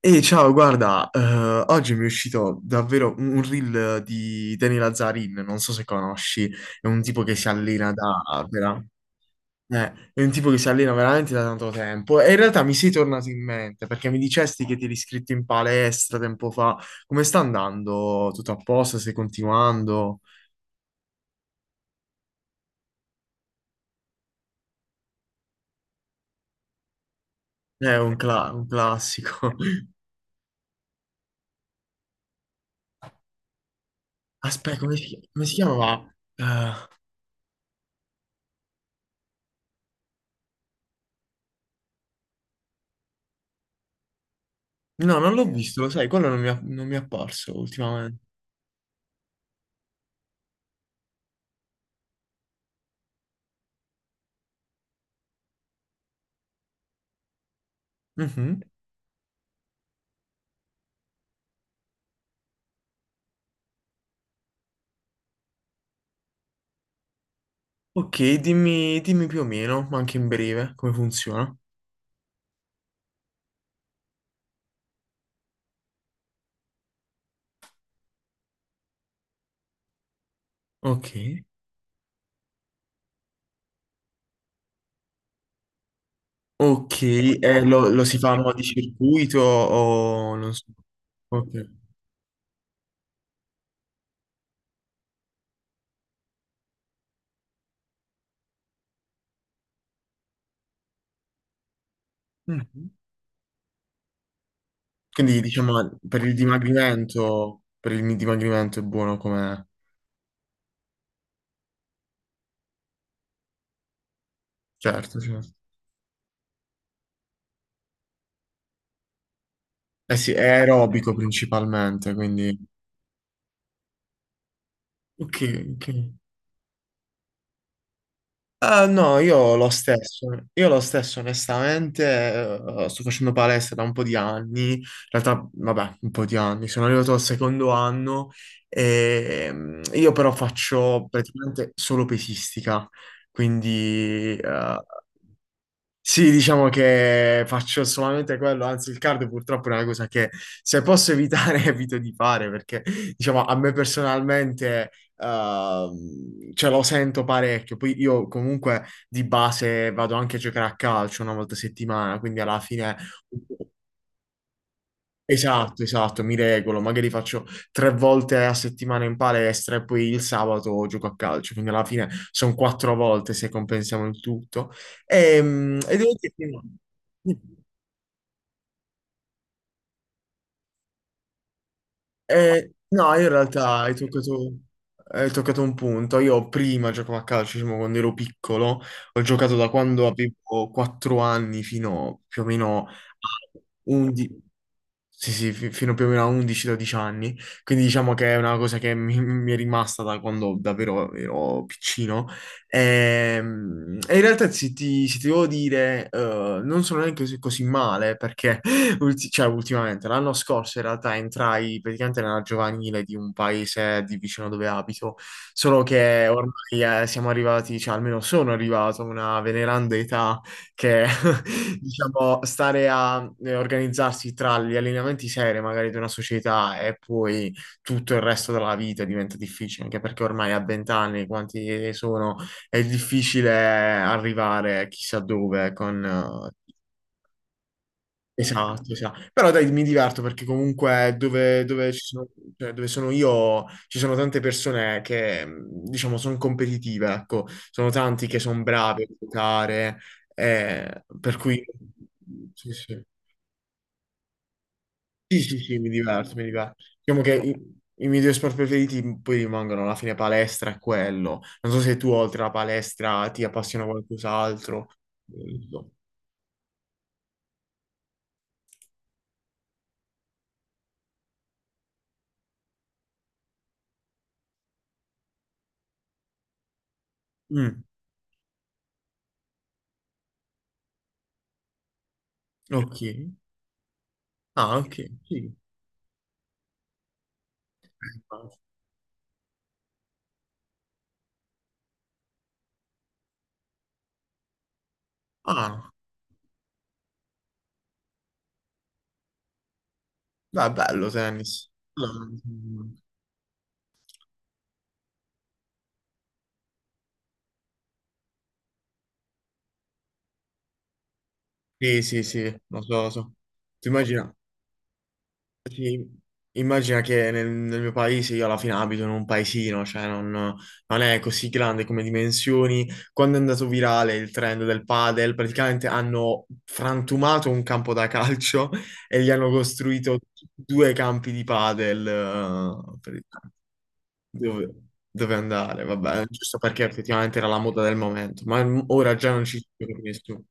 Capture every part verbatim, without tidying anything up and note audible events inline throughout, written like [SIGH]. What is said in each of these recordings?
E ciao, guarda, eh, oggi mi è uscito davvero un un reel di Dani Lazzarin, non so se conosci, è un tipo che si allena da, vera- eh, è un tipo che si allena veramente da tanto tempo e in realtà mi sei tornato in mente perché mi dicesti che ti eri iscritto in palestra tempo fa, come sta andando? Tutto a posto? Stai continuando? È un, cla- un classico. [LAUGHS] Aspetta, come si, come si chiamava? Eh, no, non l'ho visto, lo sai, quello non mi è, non mi è apparso ultimamente. Mhm. Ok, dimmi, dimmi più o meno, ma anche in breve, come funziona. Ok. Ok, eh, lo, lo si fa a mo' di circuito o non so. Ok. Mhm. Quindi diciamo per il dimagrimento, per il dimagrimento è buono come... Certo, certo. Eh sì, è aerobico principalmente, quindi... Ok, ok. Ah, no, io lo stesso, io lo stesso onestamente, eh, sto facendo palestra da un po' di anni, in realtà vabbè, un po' di anni, sono arrivato al secondo anno e mm, io però faccio praticamente solo pesistica, quindi eh, sì, diciamo che faccio solamente quello, anzi il cardio purtroppo è una cosa che se posso evitare [LAUGHS] evito di fare perché diciamo a me personalmente ehm, ce lo sento parecchio, poi io comunque di base vado anche a giocare a calcio una volta a settimana, quindi alla fine. Esatto, esatto, mi regolo, magari faccio tre volte a settimana in palestra e poi il sabato gioco a calcio, quindi alla fine sono quattro volte se compensiamo il tutto. Ehm, E, devo dire che no. Eh, no, io in realtà hai toccato, hai toccato un punto. Io prima giocavo a calcio, diciamo, quando ero piccolo, ho giocato da quando avevo quattro anni fino più o meno a undici. Sì, sì, fi- fino più o meno a undici dodici anni, quindi diciamo che è una cosa che mi, mi è rimasta da quando davvero ero piccino. Ehm, E, in realtà se ti, se ti devo dire, eh, non sono neanche così, così male perché [LAUGHS] ulti- cioè, ultimamente, l'anno scorso in realtà entrai praticamente nella giovanile di un paese di vicino dove abito, solo che ormai eh, siamo arrivati, cioè almeno sono arrivato a una veneranda età che [LAUGHS] diciamo, stare a eh, organizzarsi tra gli allineamenti seri magari di una società e poi tutto il resto della vita diventa difficile, anche perché ormai a vent'anni, quanti sono, è difficile arrivare chissà dove con... eh, Esatto, esatto. Però dai, mi diverto perché comunque dove, dove ci sono, cioè, dove sono io ci sono tante persone che, mh, diciamo, sono competitive, ecco, sono tanti che sono bravi a giocare, eh, per cui sì, sì. Sì, sì, sì, mi diverto, mi diverto. Diciamo che i, i miei due sport preferiti poi rimangono alla fine palestra e quello. Non so se tu oltre alla palestra ti appassiona qualcos'altro. Eh, no. Mm, ok. Ah, ok. Sì. Ah. No, è bello tennis. Mm. Sì, sì, sì, lo so, lo so. Tu immagina, sì, immagina che nel, nel mio paese io alla fine abito in un paesino, cioè non, non è così grande come dimensioni. Quando è andato virale il trend del padel, praticamente hanno frantumato un campo da calcio [LAUGHS] e gli hanno costruito due campi di padel. eh, per- dove, dove andare, vabbè, giusto perché effettivamente era la moda del momento, ma m- ora già non ci sono più nessuno.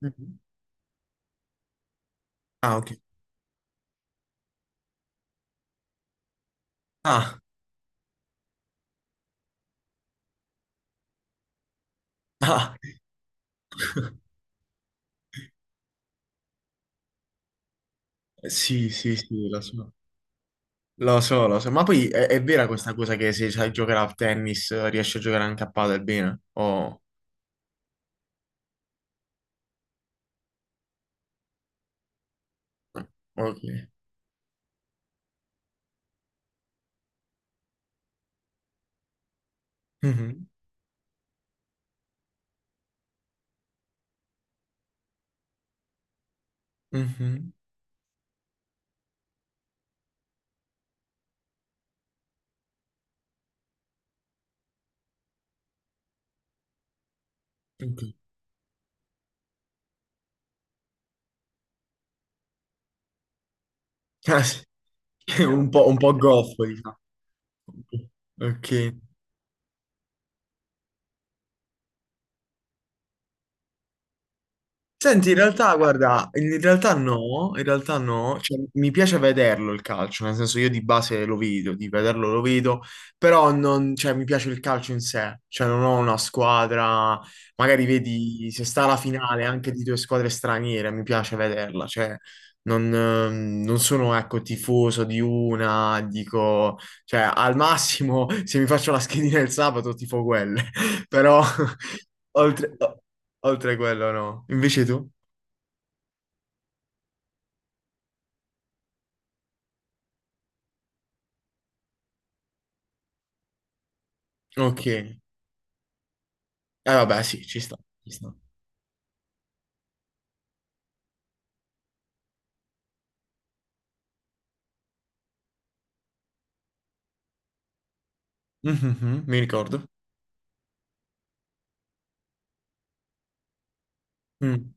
Mhm. Ah, ok. Ah, ah. [LAUGHS] Sì, sì, sì, lo so. Lo so, lo so. Ma poi è, è vera questa cosa che se sai giocare a tennis eh, riesci a giocare anche a padel bene? Oh, ok. Mhm, mhm, ok. Ah, sì. [LAUGHS] Un po', un po' goffo, diciamo. Ok. Senti, in realtà, guarda, in realtà no, in realtà no, cioè, mi piace vederlo il calcio, nel senso io di base lo vedo, di vederlo lo vedo, però non, cioè, mi piace il calcio in sé, cioè non ho una squadra, magari vedi se sta la finale anche di due squadre straniere, mi piace vederla, cioè non, ehm, non sono, ecco, tifoso di una, dico, cioè al massimo [LAUGHS] se mi faccio la schedina il sabato tifo quelle, [LAUGHS] però... [LAUGHS] Oltre, Oltre, quello no. Invece tu? Ok. Eh vabbè, sì, ci sta, ci sta. Mhm, mi ricordo. Mm.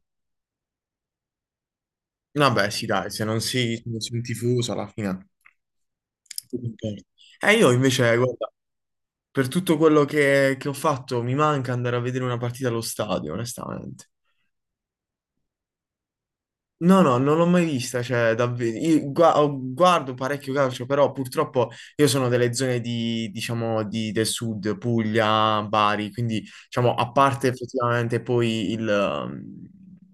Vabbè, sì, dai, se non si, se non si è un tifoso alla fine. Ok. Eh, io invece, guarda, per tutto quello che, che ho fatto, mi manca andare a vedere una partita allo stadio, onestamente. No, no, non l'ho mai vista, cioè, davvero. Io gua- ho- guardo parecchio calcio, però purtroppo io sono delle zone di, diciamo, di- del sud, Puglia, Bari, quindi, diciamo, a parte effettivamente poi il, ehm,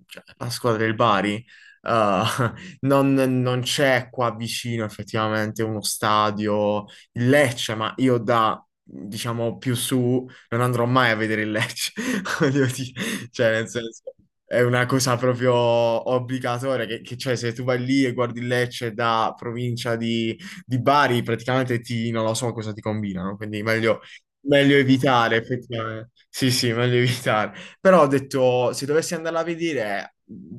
cioè, la squadra del Bari, eh, [LAUGHS] non, non c'è qua vicino effettivamente uno stadio, il Lecce, ma io da, diciamo, più su non andrò mai a vedere il Lecce, [LAUGHS] voglio dire, cioè, nel senso... È una cosa proprio obbligatoria, che, che, cioè se tu vai lì e guardi il Lecce da provincia di, di Bari, praticamente ti, non lo so cosa ti combinano, quindi meglio, meglio evitare, effettivamente. Sì, sì, meglio evitare. Però ho detto, se dovessi andarla a vedere,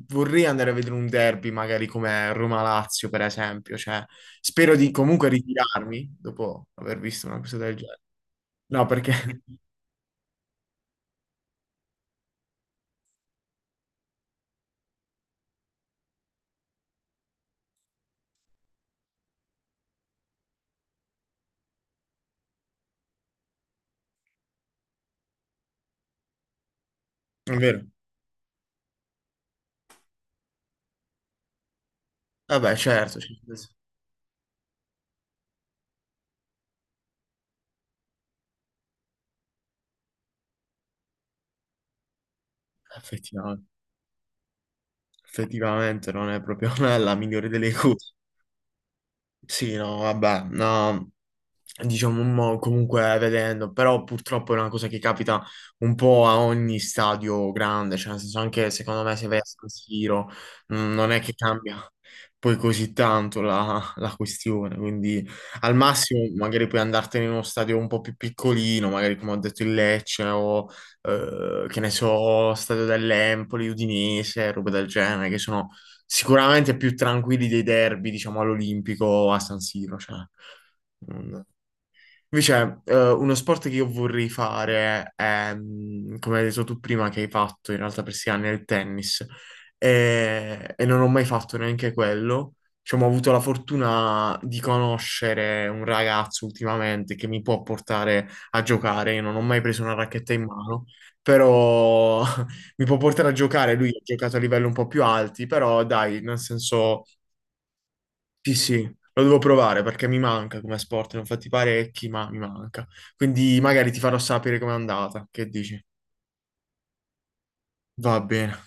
vorrei andare a vedere un derby, magari come Roma-Lazio, per esempio. Cioè, spero di comunque ritirarmi dopo aver visto una cosa del genere. No, perché... [LAUGHS] È vero. Vabbè, certo, certo. Effettivamente. Effettivamente non è proprio [LAUGHS] la migliore delle cose. Sì, no, vabbè, no, diciamo mo- comunque vedendo, però purtroppo è una cosa che capita un po' a ogni stadio grande, cioè nel senso anche secondo me se vai a San Siro mh, non è che cambia poi così tanto la, [LAUGHS] la questione, quindi al massimo magari puoi andartene in uno stadio un po' più piccolino, magari come ho detto il Lecce o eh, che ne so, Stadio dell'Empoli, Udinese, robe del genere, che sono sicuramente più tranquilli dei derby, diciamo, all'Olimpico o a San Siro, cioè. mm, Invece, eh, uno sport che io vorrei fare è, mm, come hai detto tu prima, che hai fatto in realtà per sei anni, è il tennis. E, e non ho mai fatto neanche quello. Diciamo, ho avuto la fortuna di conoscere un ragazzo ultimamente che mi può portare a giocare. Io non ho mai preso una racchetta in mano, però [LAUGHS] mi può portare a giocare. Lui ha giocato a livelli un po' più alti, però dai, nel senso sì, sì, lo devo provare perché mi manca come sport, ne ho fatti parecchi, ma mi manca. Quindi magari ti farò sapere com'è andata. Che dici? Va bene.